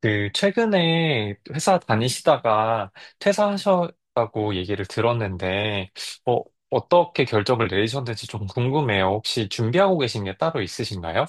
최근에 회사 다니시다가 퇴사하셨다고 얘기를 들었는데, 어, 어떻게 결정을 내리셨는지 좀 궁금해요. 혹시 준비하고 계신 게 따로 있으신가요?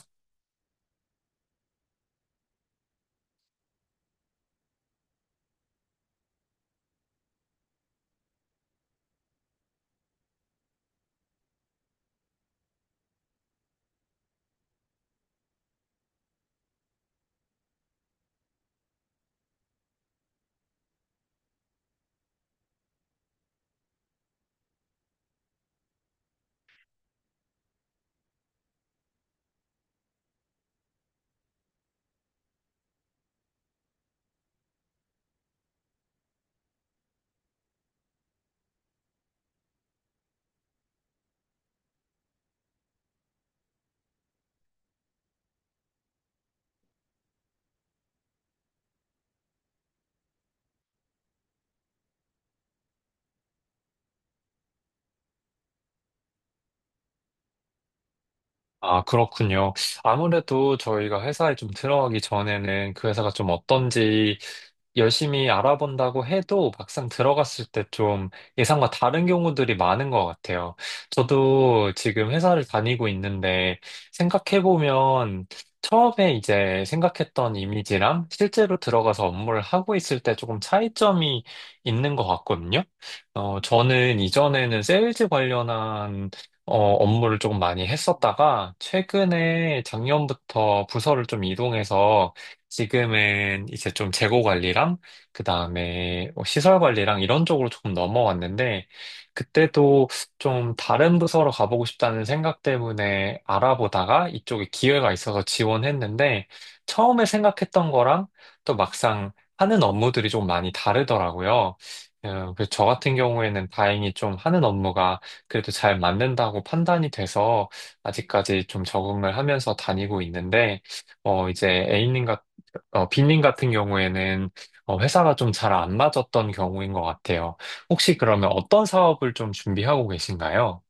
아, 그렇군요. 아무래도 저희가 회사에 좀 들어가기 전에는 그 회사가 좀 어떤지 열심히 알아본다고 해도 막상 들어갔을 때 좀 예상과 다른 경우들이 많은 것 같아요. 저도 지금 회사를 다니고 있는데, 생각해보면 처음에 이제 생각했던 이미지랑 실제로 들어가서 업무를 하고 있을 때 조금 차이점이 있는 것 같거든요. 저는 이전에는 세일즈 관련한 업무를 조금 많이 했었다가, 최근에 작년부터 부서를 좀 이동해서 지금은 이제 좀 재고 관리랑 그다음에 뭐 시설 관리랑 이런 쪽으로 조금 넘어왔는데, 그때도 좀 다른 부서로 가보고 싶다는 생각 때문에 알아보다가 이쪽에 기회가 있어서 지원했는데, 처음에 생각했던 거랑 또 막상 하는 업무들이 좀 많이 다르더라고요. 그래서 저 같은 경우에는 다행히 좀 하는 업무가 그래도 잘 맞는다고 판단이 돼서 아직까지 좀 적응을 하면서 다니고 있는데, 이제 A님, 빈님 같은 경우에는 회사가 좀 잘 안 맞았던 경우인 것 같아요. 혹시 그러면 어떤 사업을 좀 준비하고 계신가요?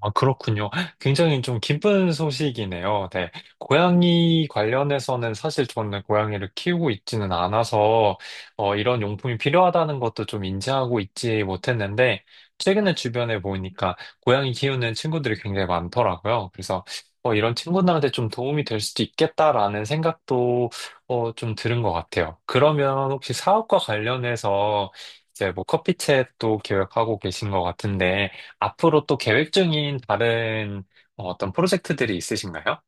아, 그렇군요. 굉장히 좀 기쁜 소식이네요. 네. 고양이 관련해서는 사실 저는 고양이를 키우고 있지는 않아서, 이런 용품이 필요하다는 것도 좀 인지하고 있지 못했는데, 최근에 주변에 보니까 고양이 키우는 친구들이 굉장히 많더라고요. 그래서 이런 친구들한테 좀 도움이 될 수도 있겠다라는 생각도 좀 들은 것 같아요. 그러면 혹시 사업과 관련해서 이제 뭐 커피챗도 계획하고 계신 것 같은데, 앞으로 또 계획 중인 다른 어떤 프로젝트들이 있으신가요?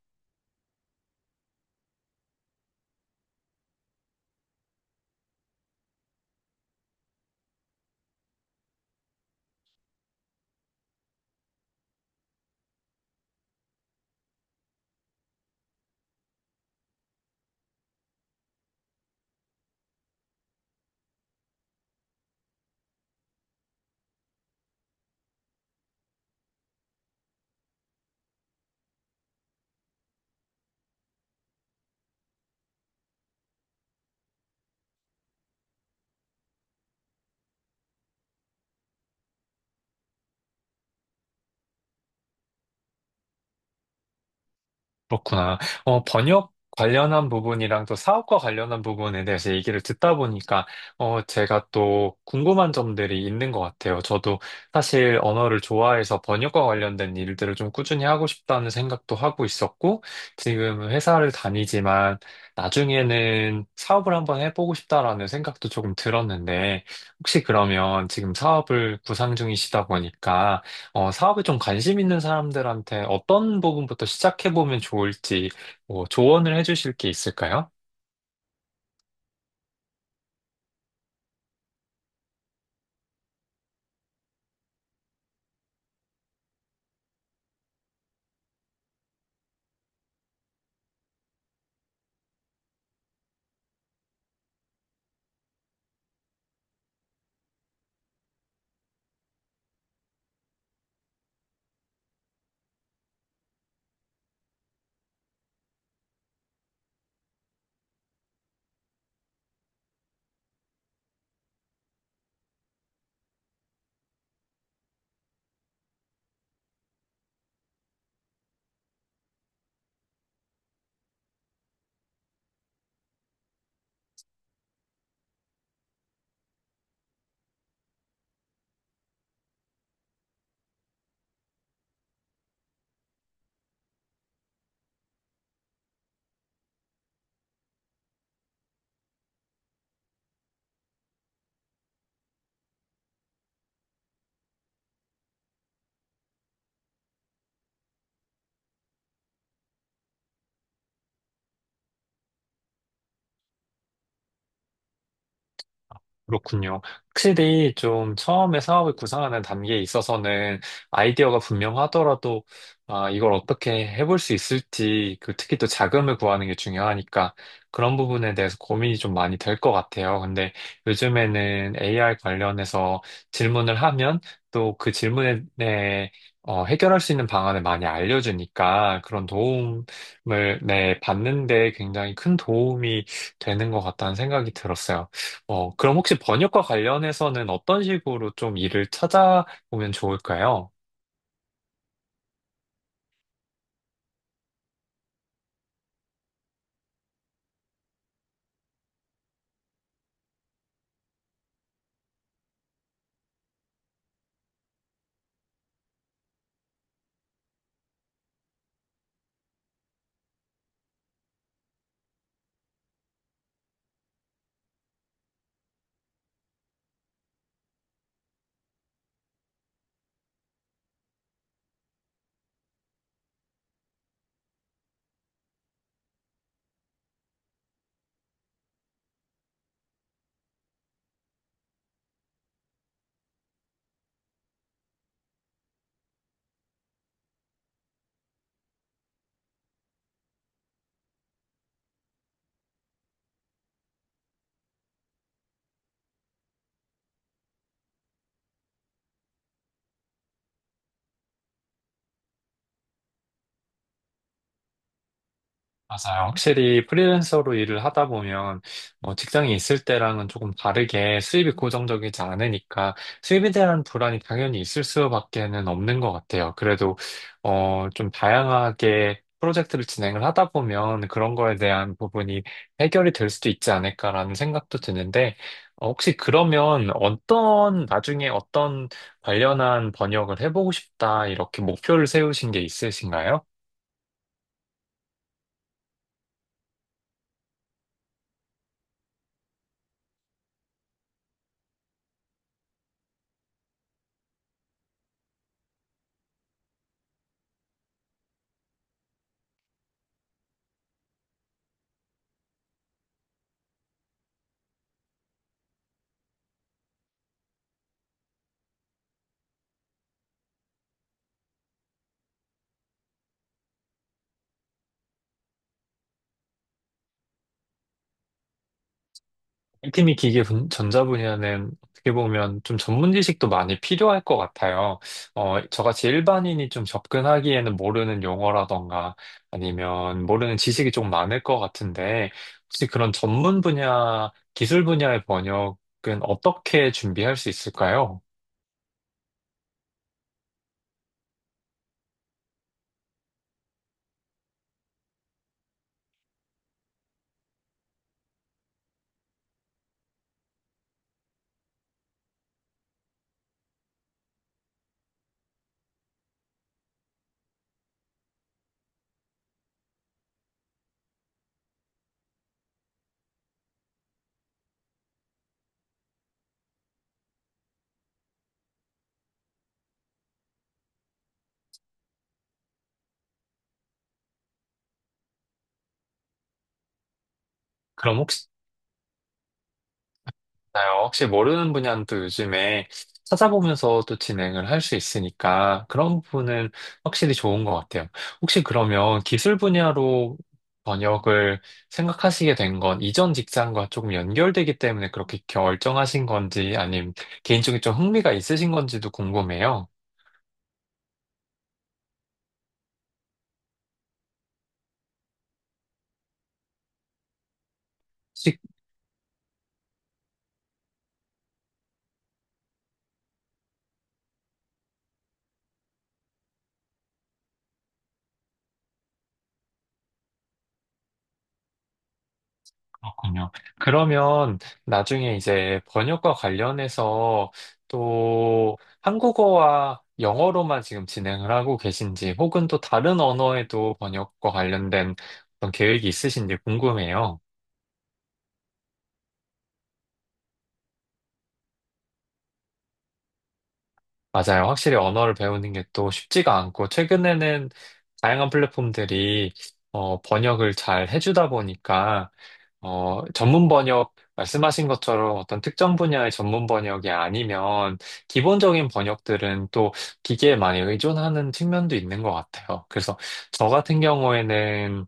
그렇구나. 번역 관련한 부분이랑 또 사업과 관련한 부분에 대해서 얘기를 듣다 보니까, 제가 또 궁금한 점들이 있는 것 같아요. 저도 사실 언어를 좋아해서 번역과 관련된 일들을 좀 꾸준히 하고 싶다는 생각도 하고 있었고, 지금 회사를 다니지만 나중에는 사업을 한번 해보고 싶다라는 생각도 조금 들었는데, 혹시 그러면 지금 사업을 구상 중이시다 보니까, 사업에 좀 관심 있는 사람들한테 어떤 부분부터 시작해보면 좋을지, 뭐 조언을 해주실 게 있을까요? 그렇군요. 확실히 좀 처음에 사업을 구상하는 단계에 있어서는, 아이디어가 분명하더라도 아, 이걸 어떻게 해볼 수 있을지, 그 특히 또 자금을 구하는 게 중요하니까 그런 부분에 대해서 고민이 좀 많이 될 것 같아요. 근데 요즘에는 AI 관련해서 질문을 하면 또 그 질문에, 네, 해결할 수 있는 방안을 많이 알려주니까, 그런 도움을, 네, 받는데 굉장히 큰 도움이 되는 것 같다는 생각이 들었어요. 그럼 혹시 번역과 관련해서는 어떤 식으로 좀 일을 찾아보면 좋을까요? 맞아요. 확실히 프리랜서로 일을 하다 보면 뭐 직장에 있을 때랑은 조금 다르게 수입이 고정적이지 않으니까 수입에 대한 불안이 당연히 있을 수밖에는 없는 것 같아요. 그래도 좀 다양하게 프로젝트를 진행을 하다 보면 그런 거에 대한 부분이 해결이 될 수도 있지 않을까라는 생각도 드는데, 혹시 그러면 어떤, 나중에 어떤 관련한 번역을 해보고 싶다 이렇게 목표를 세우신 게 있으신가요? 팀이 기계 전자 분야는 어떻게 보면 좀 전문 지식도 많이 필요할 것 같아요. 저같이 일반인이 좀 접근하기에는 모르는 용어라던가 아니면 모르는 지식이 좀 많을 것 같은데, 혹시 그런 전문 분야, 기술 분야의 번역은 어떻게 준비할 수 있을까요? 그럼 혹시. 맞아요. 혹시 모르는 분야는 또 요즘에 찾아보면서 또 진행을 할 수 있으니까 그런 부분은 확실히 좋은 것 같아요. 혹시 그러면 기술 분야로 번역을 생각하시게 된 건 이전 직장과 조금 연결되기 때문에 그렇게 결정하신 건지, 아님 개인적인 좀 흥미가 있으신 건지도 궁금해요. 혹시. 그렇군요. 그러면 나중에 이제 번역과 관련해서 또 한국어와 영어로만 지금 진행을 하고 계신지 혹은 또 다른 언어에도 번역과 관련된 어떤 계획이 있으신지 궁금해요. 맞아요. 확실히 언어를 배우는 게 또 쉽지가 않고, 최근에는 다양한 플랫폼들이 번역을 잘 해주다 보니까, 전문 번역, 말씀하신 것처럼 어떤 특정 분야의 전문 번역이 아니면 기본적인 번역들은 또 기계에 많이 의존하는 측면도 있는 것 같아요. 그래서 저 같은 경우에는,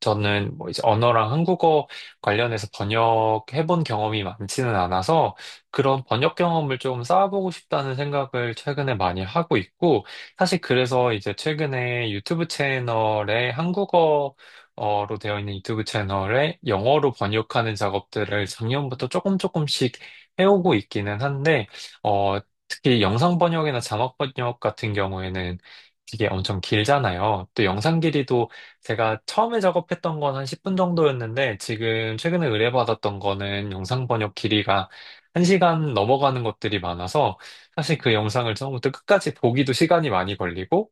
저는 뭐 이제 언어랑 한국어 관련해서 번역해본 경험이 많지는 않아서 그런 번역 경험을 좀 쌓아보고 싶다는 생각을 최근에 많이 하고 있고, 사실 그래서 이제 최근에 유튜브 채널에, 한국어로 되어 있는 유튜브 채널에 영어로 번역하는 작업들을 작년부터 조금 조금씩 해오고 있기는 한데, 어, 특히 영상 번역이나 자막 번역 같은 경우에는 이게 엄청 길잖아요. 또 영상 길이도, 제가 처음에 작업했던 건 한 10분 정도였는데, 지금 최근에 의뢰받았던 거는 영상 번역 길이가 1시간 넘어가는 것들이 많아서, 사실 그 영상을 처음부터 끝까지 보기도 시간이 많이 걸리고,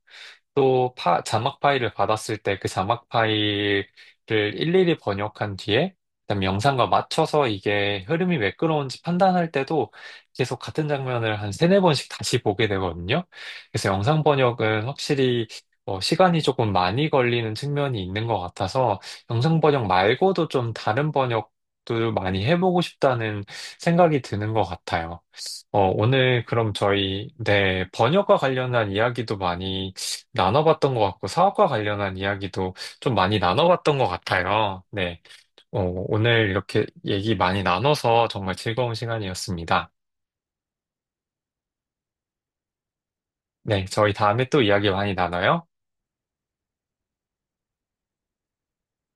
또 자막 파일을 받았을 때 그 자막 파일을 일일이 번역한 뒤에 그다음 영상과 맞춰서 이게 흐름이 매끄러운지 판단할 때도 계속 같은 장면을 한 세네 번씩 다시 보게 되거든요. 그래서 영상 번역은 확실히 시간이 조금 많이 걸리는 측면이 있는 것 같아서 영상 번역 말고도 좀 다른 번역도 많이 해보고 싶다는 생각이 드는 것 같아요. 오늘 그럼 저희, 네, 번역과 관련한 이야기도 많이 나눠봤던 것 같고, 사업과 관련한 이야기도 좀 많이 나눠봤던 것 같아요. 네, 어, 오늘 이렇게 얘기 많이 나눠서 정말 즐거운 시간이었습니다. 네, 저희 다음에 또 이야기 많이 나눠요.